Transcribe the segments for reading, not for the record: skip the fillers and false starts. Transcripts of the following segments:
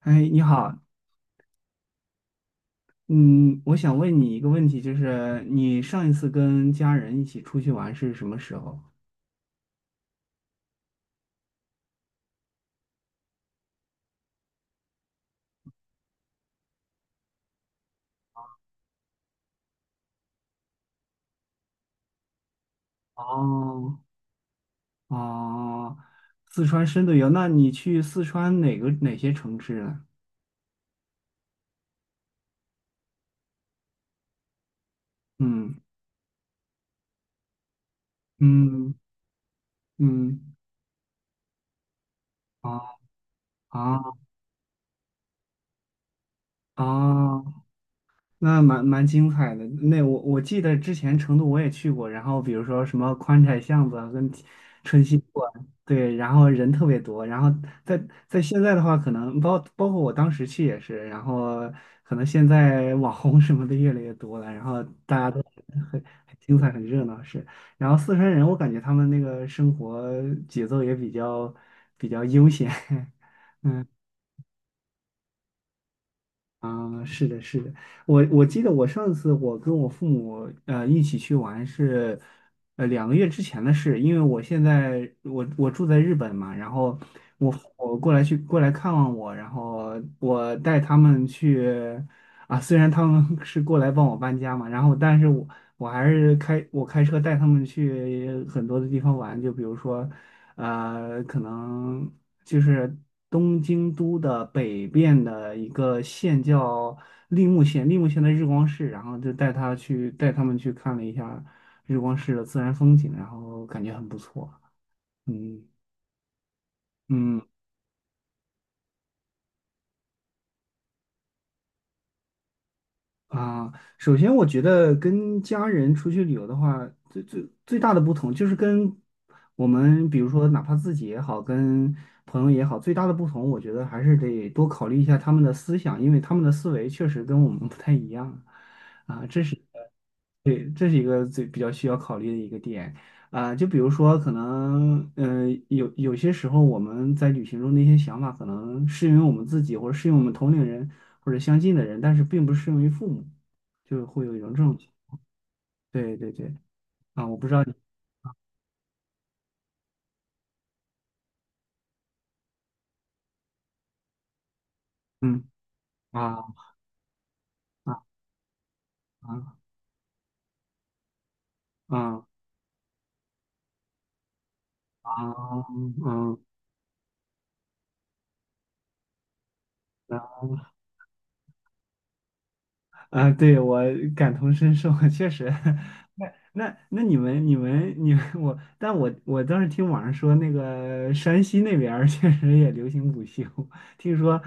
哎，你好。嗯，我想问你一个问题，就是你上一次跟家人一起出去玩是什么时候？哦。哦。四川深度游，那你去四川哪个哪些城市呢？嗯嗯嗯。哦哦哦。那蛮精彩的。那我记得之前成都我也去过，然后比如说什么宽窄巷子啊跟春熙路啊，对，然后人特别多。然后在在现在的话，可能包括我当时去也是，然后可能现在网红什么的越来越多了，然后大家都很精彩、很热闹是。然后四川人，我感觉他们那个生活节奏也比较悠闲。嗯。啊，是的，是的，我记得我上次我跟我父母一起去玩是，两个月之前的事。因为我现在我住在日本嘛，然后我过来看望我，然后我带他们去啊，虽然他们 是过来帮我搬家嘛，然后但是我还是开车带他们去很多的地方玩，就比如说可能。就是东京都的北边的一个县叫立木县，立木县的日光市，然后就带他们去看了一下日光市的自然风景，然后感觉很不错。嗯嗯。啊，首先我觉得跟家人出去旅游的话，最大的不同就是跟我们，比如说哪怕自己也好，跟朋友也好，最大的不同，我觉得还是得多考虑一下他们的思想，因为他们的思维确实跟我们不太一样啊，这是。对，这是一个最比较需要考虑的一个点啊，就比如说，可能有些时候我们在旅行中的一些想法，可能适用于我们自己，或者适用于我们同龄人或者相近的人，但是并不适用于父母，就会有一种这种。对对对。啊，我不知道你。嗯。啊啊啊啊啊。嗯嗯。啊，对，我感同身受，确实。那你们你们你们我，但我当时听网上说，那个山西那边儿 确实也流行午休。听说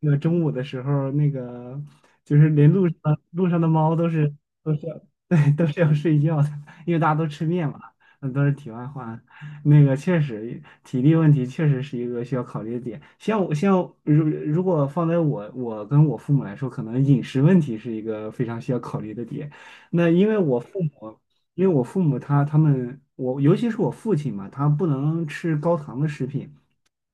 那个中午的时候，那个就是连路上的猫都是要 对都是要睡觉的，因为大家都吃面嘛。那都是题外话。那个确实，体力问题确实是一个需要考虑的点。像我，像如果放在我跟我父母来说，可能饮食问题是一个非常需要考虑的点。那因为我父母，因为我父母他们，我尤其是我父亲嘛，他不能吃高糖的食品。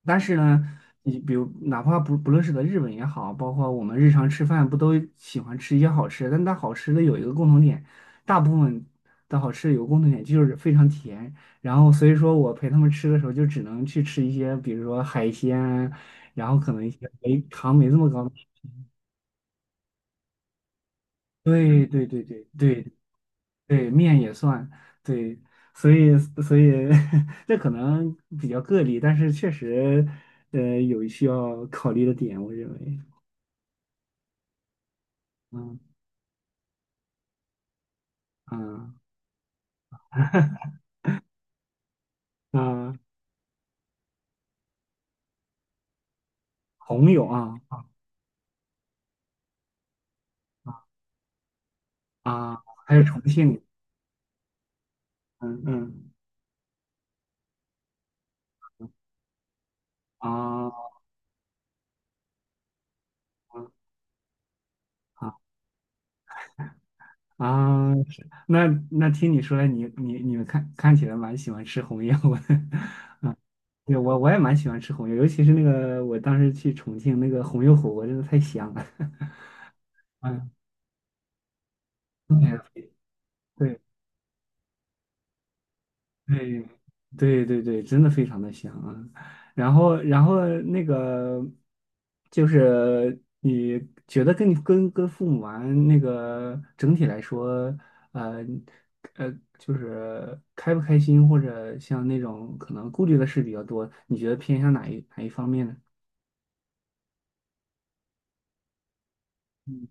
但是呢，你比如哪怕不论是在日本也好，包括我们日常吃饭，不都喜欢吃一些好吃的？但它好吃的有一个共同点，大部分的好吃有个共同点就是非常甜。然后所以说我陪他们吃的时候，就只能去吃一些，比如说海鲜啊，然后可能一些没糖没这么高的。对对对对对对，面也算，对。所以所以 这可能比较个例，但是确实，有需要考虑的点，我认为。嗯嗯啊。红柳啊啊。还有重庆。嗯嗯啊啊。啊，是那听你说来，你你们看起来蛮喜欢吃红油的。对，我也蛮喜欢吃红油，尤其是那个我当时去重庆那个红油火锅，真的太香了。嗯，对对对。对对对，真的非常的香啊。然后,那个就是你觉得跟你跟跟父母玩那个整体来说，呃呃，就是开不开心，或者像那种可能顾虑的事比较多，你觉得偏向哪一方面呢？嗯。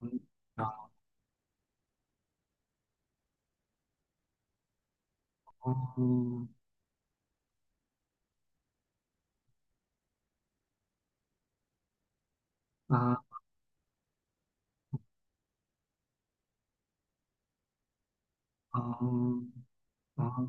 嗯。然后。啊啊啊啊。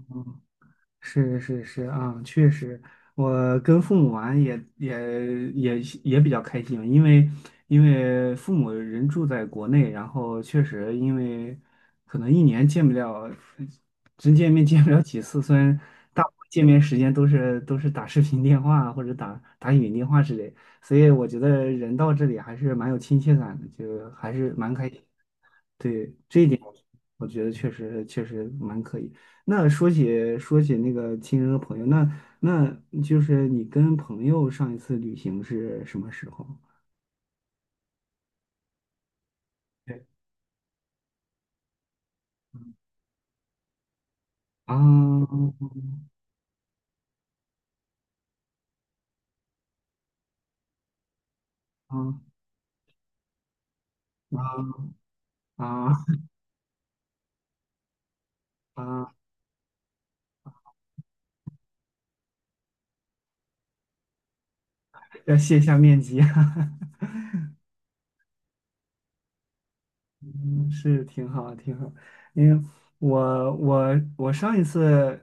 是是是啊，确实，我跟父母玩也比较开心，因为父母人住在国内，然后确实因为可能一年见不了，真见面见不了几次，虽然大部分见面时间都是打视频电话啊或者打语音电话之类，所以我觉得人到这里还是蛮有亲切感的，就还是蛮开心。对，这一点我觉得确实确实蛮可以。那说起那个亲人和朋友，那就是你跟朋友上一次旅行是什么时候？对啊啊啊啊啊！要卸下面积哈。嗯，是挺好，挺好。因为我上一次，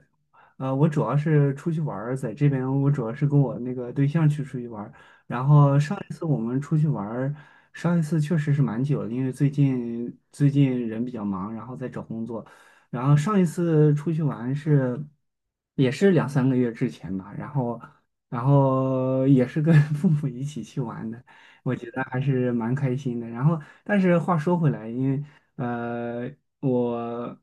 我主要是出去玩儿，在这边我主要是跟我那个对象去出去玩儿。然后上一次我们出去玩儿。上一次确实是蛮久的，因为最近人比较忙，然后在找工作。然后上一次出去玩也是两三个月之前吧，然后也是跟 父母一起去玩的。我觉得还是蛮开心的。然后，但是话说回来，因为呃，我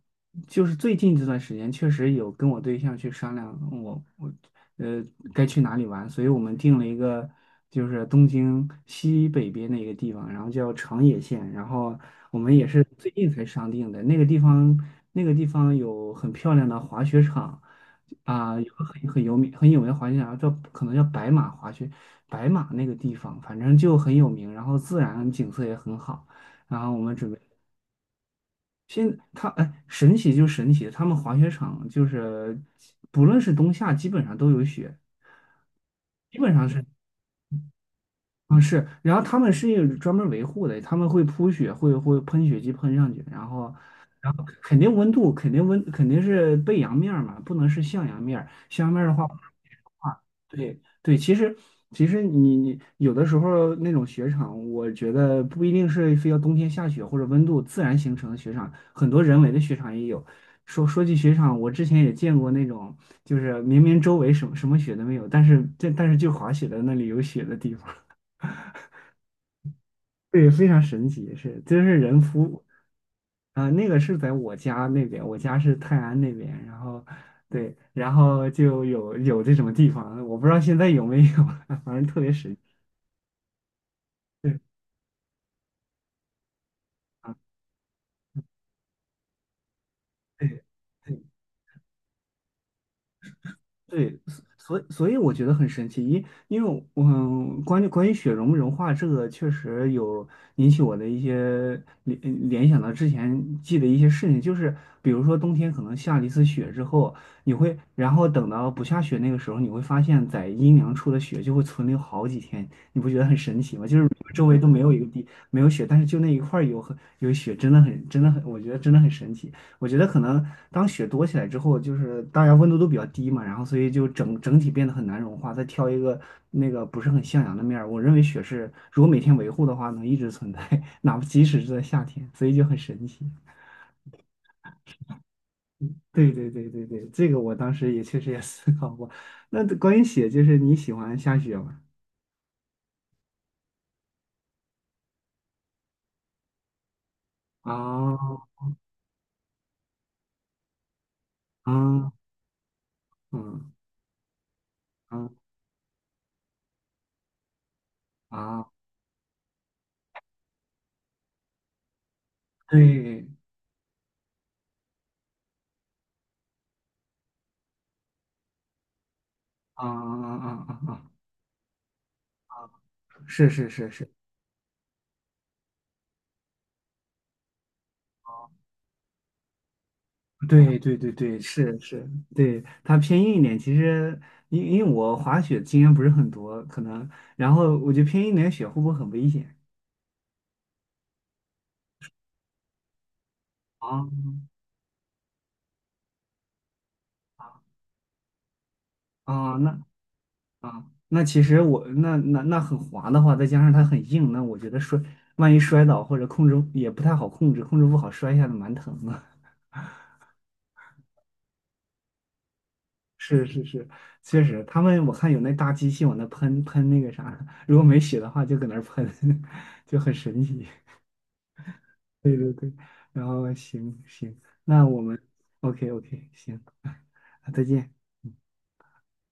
就是最近这段时间确实有跟我对象去商量我，我呃该去哪里玩，所以我们定了一个就是东京西北边的一个地方，然后叫长野县，然后我们也是最近才商定的。那个地方，那个地方有很漂亮的滑雪场，啊，有个很有名很有名的滑雪场可能叫白马滑雪。白马那个地方反正就很有名，然后自然景色也很好。然后我们准备哎，神奇就神奇，他们滑雪场就是不论是冬夏，基本上都有雪。基本上是。啊是，然后他们是有专门维护的，他们会铺雪，会喷雪机喷上去，然后，然后肯定温度肯定是背阳面儿嘛，不能是向阳面儿，向阳面儿的话。对对。其实你有的时候那种雪场，我觉得不一定是非要冬天下雪或者温度自然形成的雪场，很多人为的雪场也有。说起雪场，我之前也见过那种，就是明明周围什么什么雪都没有，但是就滑雪的那里有雪的地方。对，非常神奇，是，真是人夫。啊，那个是在我家那边，我家是泰安那边，然后对，然后就有这种地方，我不知道现在有没有。反正特别神奇。对啊，对，对。所以我觉得很神奇，因为我关于雪融化这个，确实有引起我的一些联想到之前记得一些事情，就是比如说冬天可能下了一次雪之后，然后等到不下雪那个时候，你会发现在阴凉处的雪就会存留好几天。你不觉得很神奇吗？就是周围都没有一个没有雪，但是就那一块儿有雪，真的很真的很，我觉得真的很神奇。我觉得可能当雪多起来之后，就是大家温度都比较低嘛，然后所以就整体变得很难融化。再挑一个那个不是很向阳的面儿，我认为雪是如果每天维护的话，能一直存在，哪怕即使是在夏天，所以就很神奇。对对对对对，这个我当时也确实也 思考过。那关于雪，就是你喜欢下雪吗？啊啊嗯嗯啊。啊对啊啊啊啊啊。啊啊是是是是。哦对对对对，是是。对，它偏硬一点。其实，因为我滑雪经验不是很多，可能，然后我觉得偏硬一点雪会不会很危险？啊啊，那啊，那其实我那那那很滑的话，再加上它很硬，那我觉得摔，万一摔倒或者控制也不太好控制，控制不好摔下来蛮疼的。是是是，确实，他们我看有那大机器往那喷那个啥，如果没血的话就搁那儿喷，就很神奇。对对对，然后行，那我们 OK。 OK 行。再见。